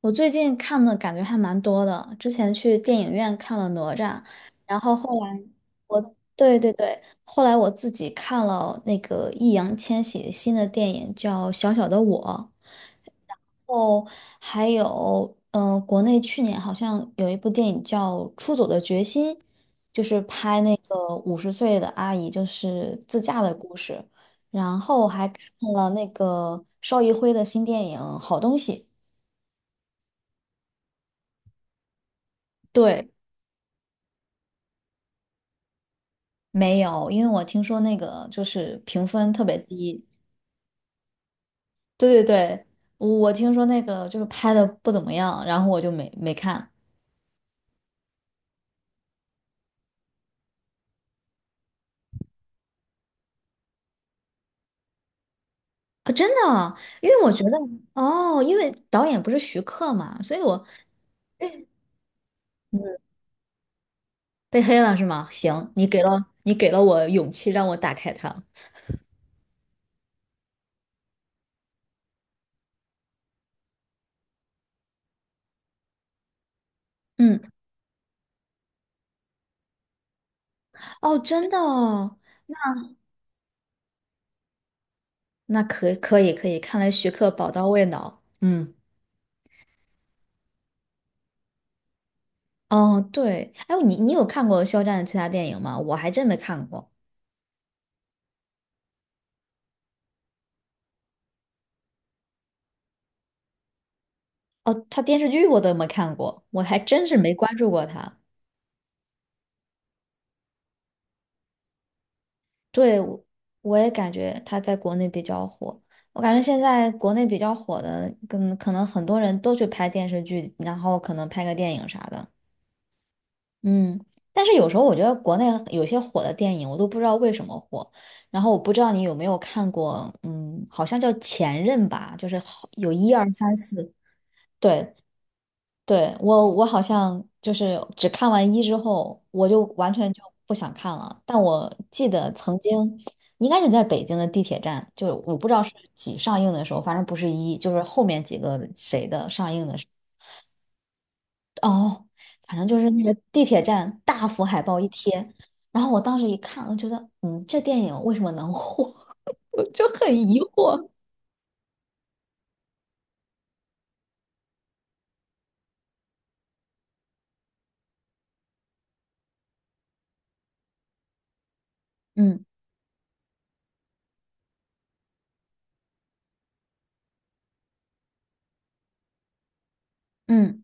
我最近看的感觉还蛮多的，之前去电影院看了《哪吒》，然后后来，对对对，后来我自己看了那个易烊千玺新的电影叫《小小的我》。哦，还有，国内去年好像有一部电影叫《出走的决心》，就是拍那个五十岁的阿姨就是自驾的故事，然后还看了那个邵艺辉的新电影《好东西》。对，没有，因为我听说那个就是评分特别低。对对对，我听说那个就是拍的不怎么样，然后我就没看。啊，真的啊，因为我觉得哦，因为导演不是徐克嘛，所以我被被黑了是吗？行，你给了我勇气，让我打开它。嗯，哦，真的哦，那可以可以可以，看来徐克宝刀未老。嗯，哦，对，哎，你有看过肖战的其他电影吗？我还真没看过。哦，他电视剧我都没看过，我还真是没关注过他。对，我我也感觉他在国内比较火。我感觉现在国内比较火的，跟可能很多人都去拍电视剧，然后可能拍个电影啥的。嗯，但是有时候我觉得国内有些火的电影，我都不知道为什么火。然后我不知道你有没有看过，嗯，好像叫《前任》吧，就是好有一二三四。对，对，我好像就是只看完一之后，我就完全就不想看了。但我记得曾经应该是在北京的地铁站，就是我不知道是几上映的时候，反正不是一，就是后面几个谁的上映的时候哦，反正就是那个地铁站大幅海报一贴，然后我当时一看，我觉得，嗯，这电影为什么能火？我就很疑惑。嗯嗯。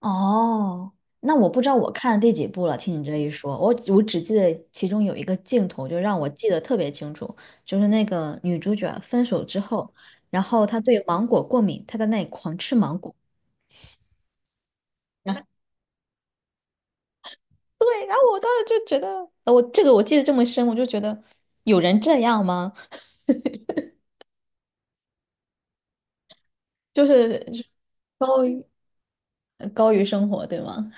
哦，那我不知道我看了第几部了。听你这一说，我只记得其中有一个镜头，就让我记得特别清楚，就是那个女主角分手之后，然后她对芒果过敏，她在那里狂吃芒果。然后对，然后我当时就觉得，我这个我记得这么深，我就觉得有人这样吗？就是高于高于生活，对吗？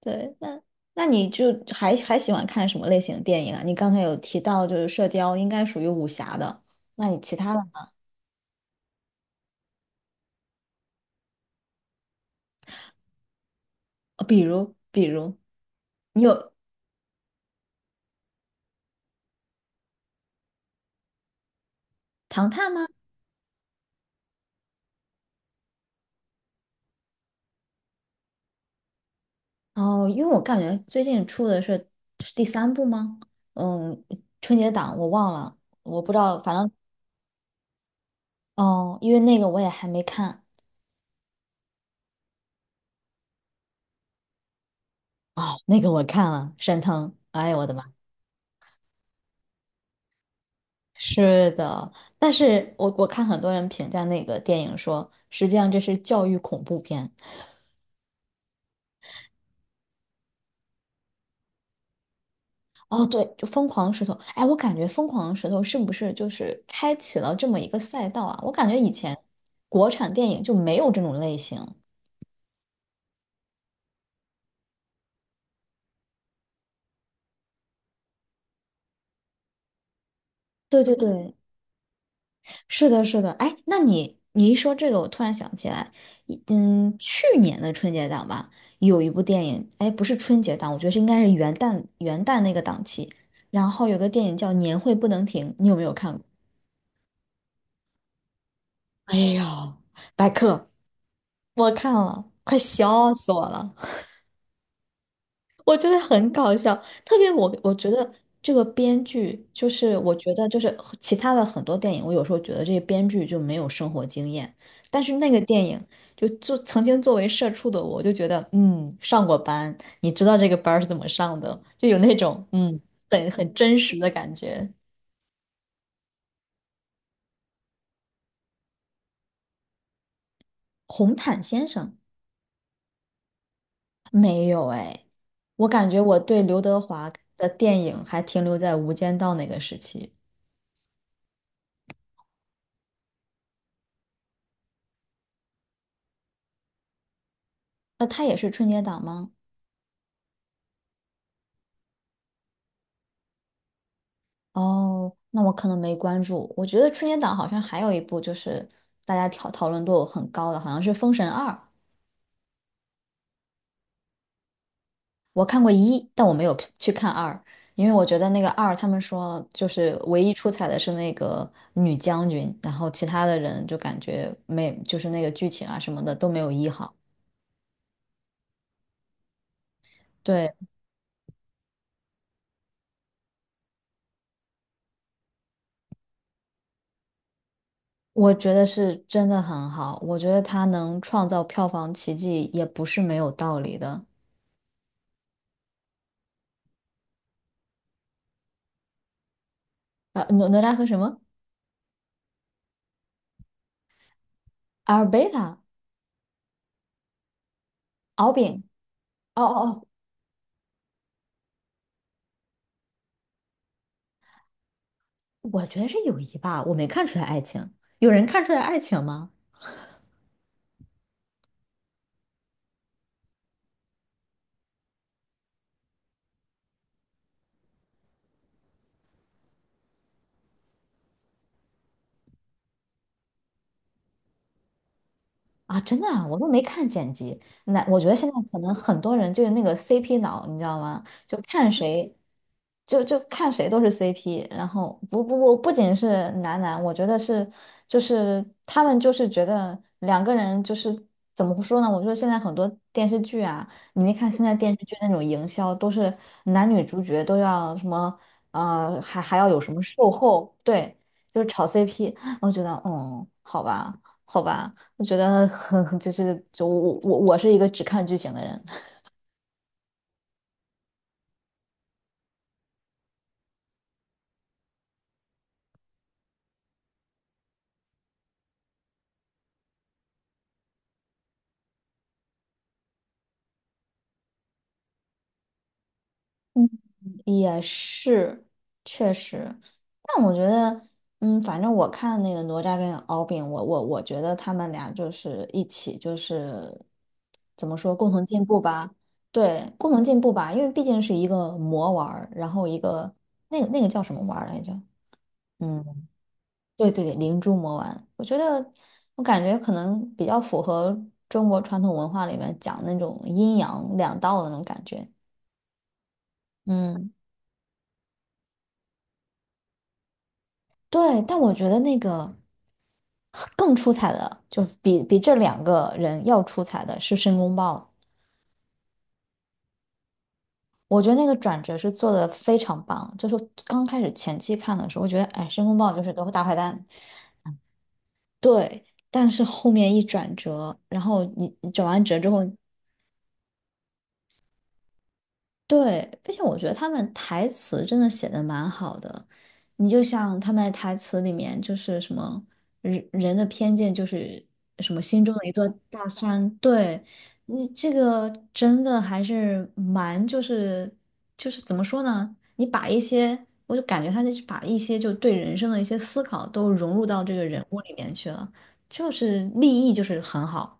对，那那你就还喜欢看什么类型的电影啊？你刚才有提到就是《射雕》应该属于武侠的，那你其他的呢？呃，比如你有《唐探》吗？哦，因为我感觉最近出的是是第三部吗？嗯，春节档我忘了，我不知道，反正哦，因为那个我也还没看啊，那个我看了，沈腾，哎呦我的妈！是的，但是我我看很多人评价那个电影说，实际上这是教育恐怖片。哦，对，就疯狂石头。哎，我感觉疯狂石头是不是就是开启了这么一个赛道啊？我感觉以前国产电影就没有这种类型。对对对，是的，是的。哎，那你你一说这个，我突然想起来，去年的春节档吧，有一部电影，哎，不是春节档，我觉得是应该是元旦那个档期。然后有个电影叫《年会不能停》，你有没有看过？哎呦，白客，我看了，快笑死我了。我觉得很搞笑，特别我觉得这个编剧就是，我觉得就是和其他的很多电影，我有时候觉得这些编剧就没有生活经验，但是那个电影就曾经作为社畜的我，就觉得嗯，上过班，你知道这个班儿是怎么上的，就有那种嗯很真实的感觉。红毯先生没有哎，我感觉我对刘德华的电影还停留在《无间道》那个时期，那他也是春节档吗？哦，那我可能没关注。我觉得春节档好像还有一部，就是大家讨论度很高的，好像是《封神二》。我看过一，但我没有去看二，因为我觉得那个二，他们说就是唯一出彩的是那个女将军，然后其他的人就感觉没，就是那个剧情啊什么的都没有一好。对，我觉得是真的很好，我觉得他能创造票房奇迹也不是没有道理的。呃，哪吒和什么？阿尔贝塔、敖丙。哦。我觉得是友谊吧，我没看出来爱情。有人看出来爱情吗？啊，真的啊，我都没看剪辑。那我觉得现在可能很多人就是那个 CP 脑，你知道吗？就看谁，就看谁都是 CP。然后不，不仅是男男，我觉得是就是他们就是觉得两个人就是怎么说呢？我觉得现在很多电视剧啊，你没看现在电视剧那种营销都是男女主角都要什么呃，还要有什么售后，对，就是炒 CP。我觉得，嗯，好吧，好吧。我觉得很 就是就我是一个只看剧情的人，嗯，也是确实，但我觉得嗯，反正我看那个哪吒跟敖丙，我觉得他们俩就是一起就是怎么说共同进步吧，对，共同进步吧，因为毕竟是一个魔丸儿，然后一个那个叫什么丸儿来着？嗯。对对对，灵珠魔丸，我觉得我感觉可能比较符合中国传统文化里面讲那种阴阳两道的那种感觉。嗯，对，但我觉得那个更出彩的，就比这两个人要出彩的是申公豹。我觉得那个转折是做的非常棒，就是刚开始前期看的时候，我觉得哎，申公豹就是个大坏蛋，对，但是后面一转折，然后你你转完折之后。对，并且我觉得他们台词真的写的蛮好的。你就像他们台词里面就是什么人人的偏见就是什么心中的一座大山，对，你这个真的还是蛮就是就是怎么说呢？你把一些我就感觉他就是把一些就对人生的一些思考都融入到这个人物里面去了，就是立意就是很好。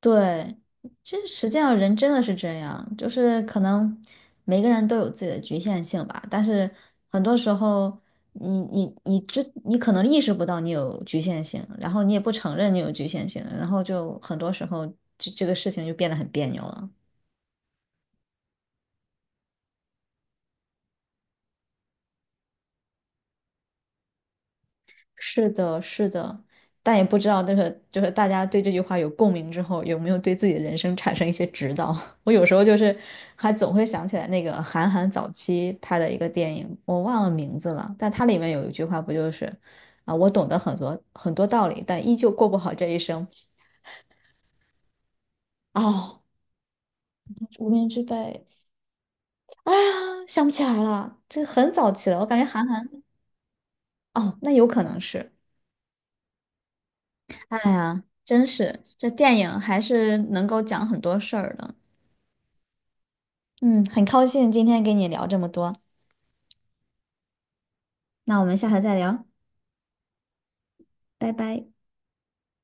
对，其实实际上人真的是这样，就是可能每个人都有自己的局限性吧，但是很多时候你可能意识不到你有局限性，然后你也不承认你有局限性，然后就很多时候这个事情就变得很别扭了。是的，是的，但也不知道这个就是大家对这句话有共鸣之后，有没有对自己的人生产生一些指导？我有时候就是还总会想起来那个韩寒早期拍的一个电影，我忘了名字了，但它里面有一句话不就是啊，我懂得很多很多道理，但依旧过不好这一生。哦，无名之辈，啊想不起来了，这很早期了，我感觉韩寒哦，那有可能是。哎呀，真是这电影还是能够讲很多事儿的。嗯，很高兴今天跟你聊这么多，那我们下次再聊，拜拜。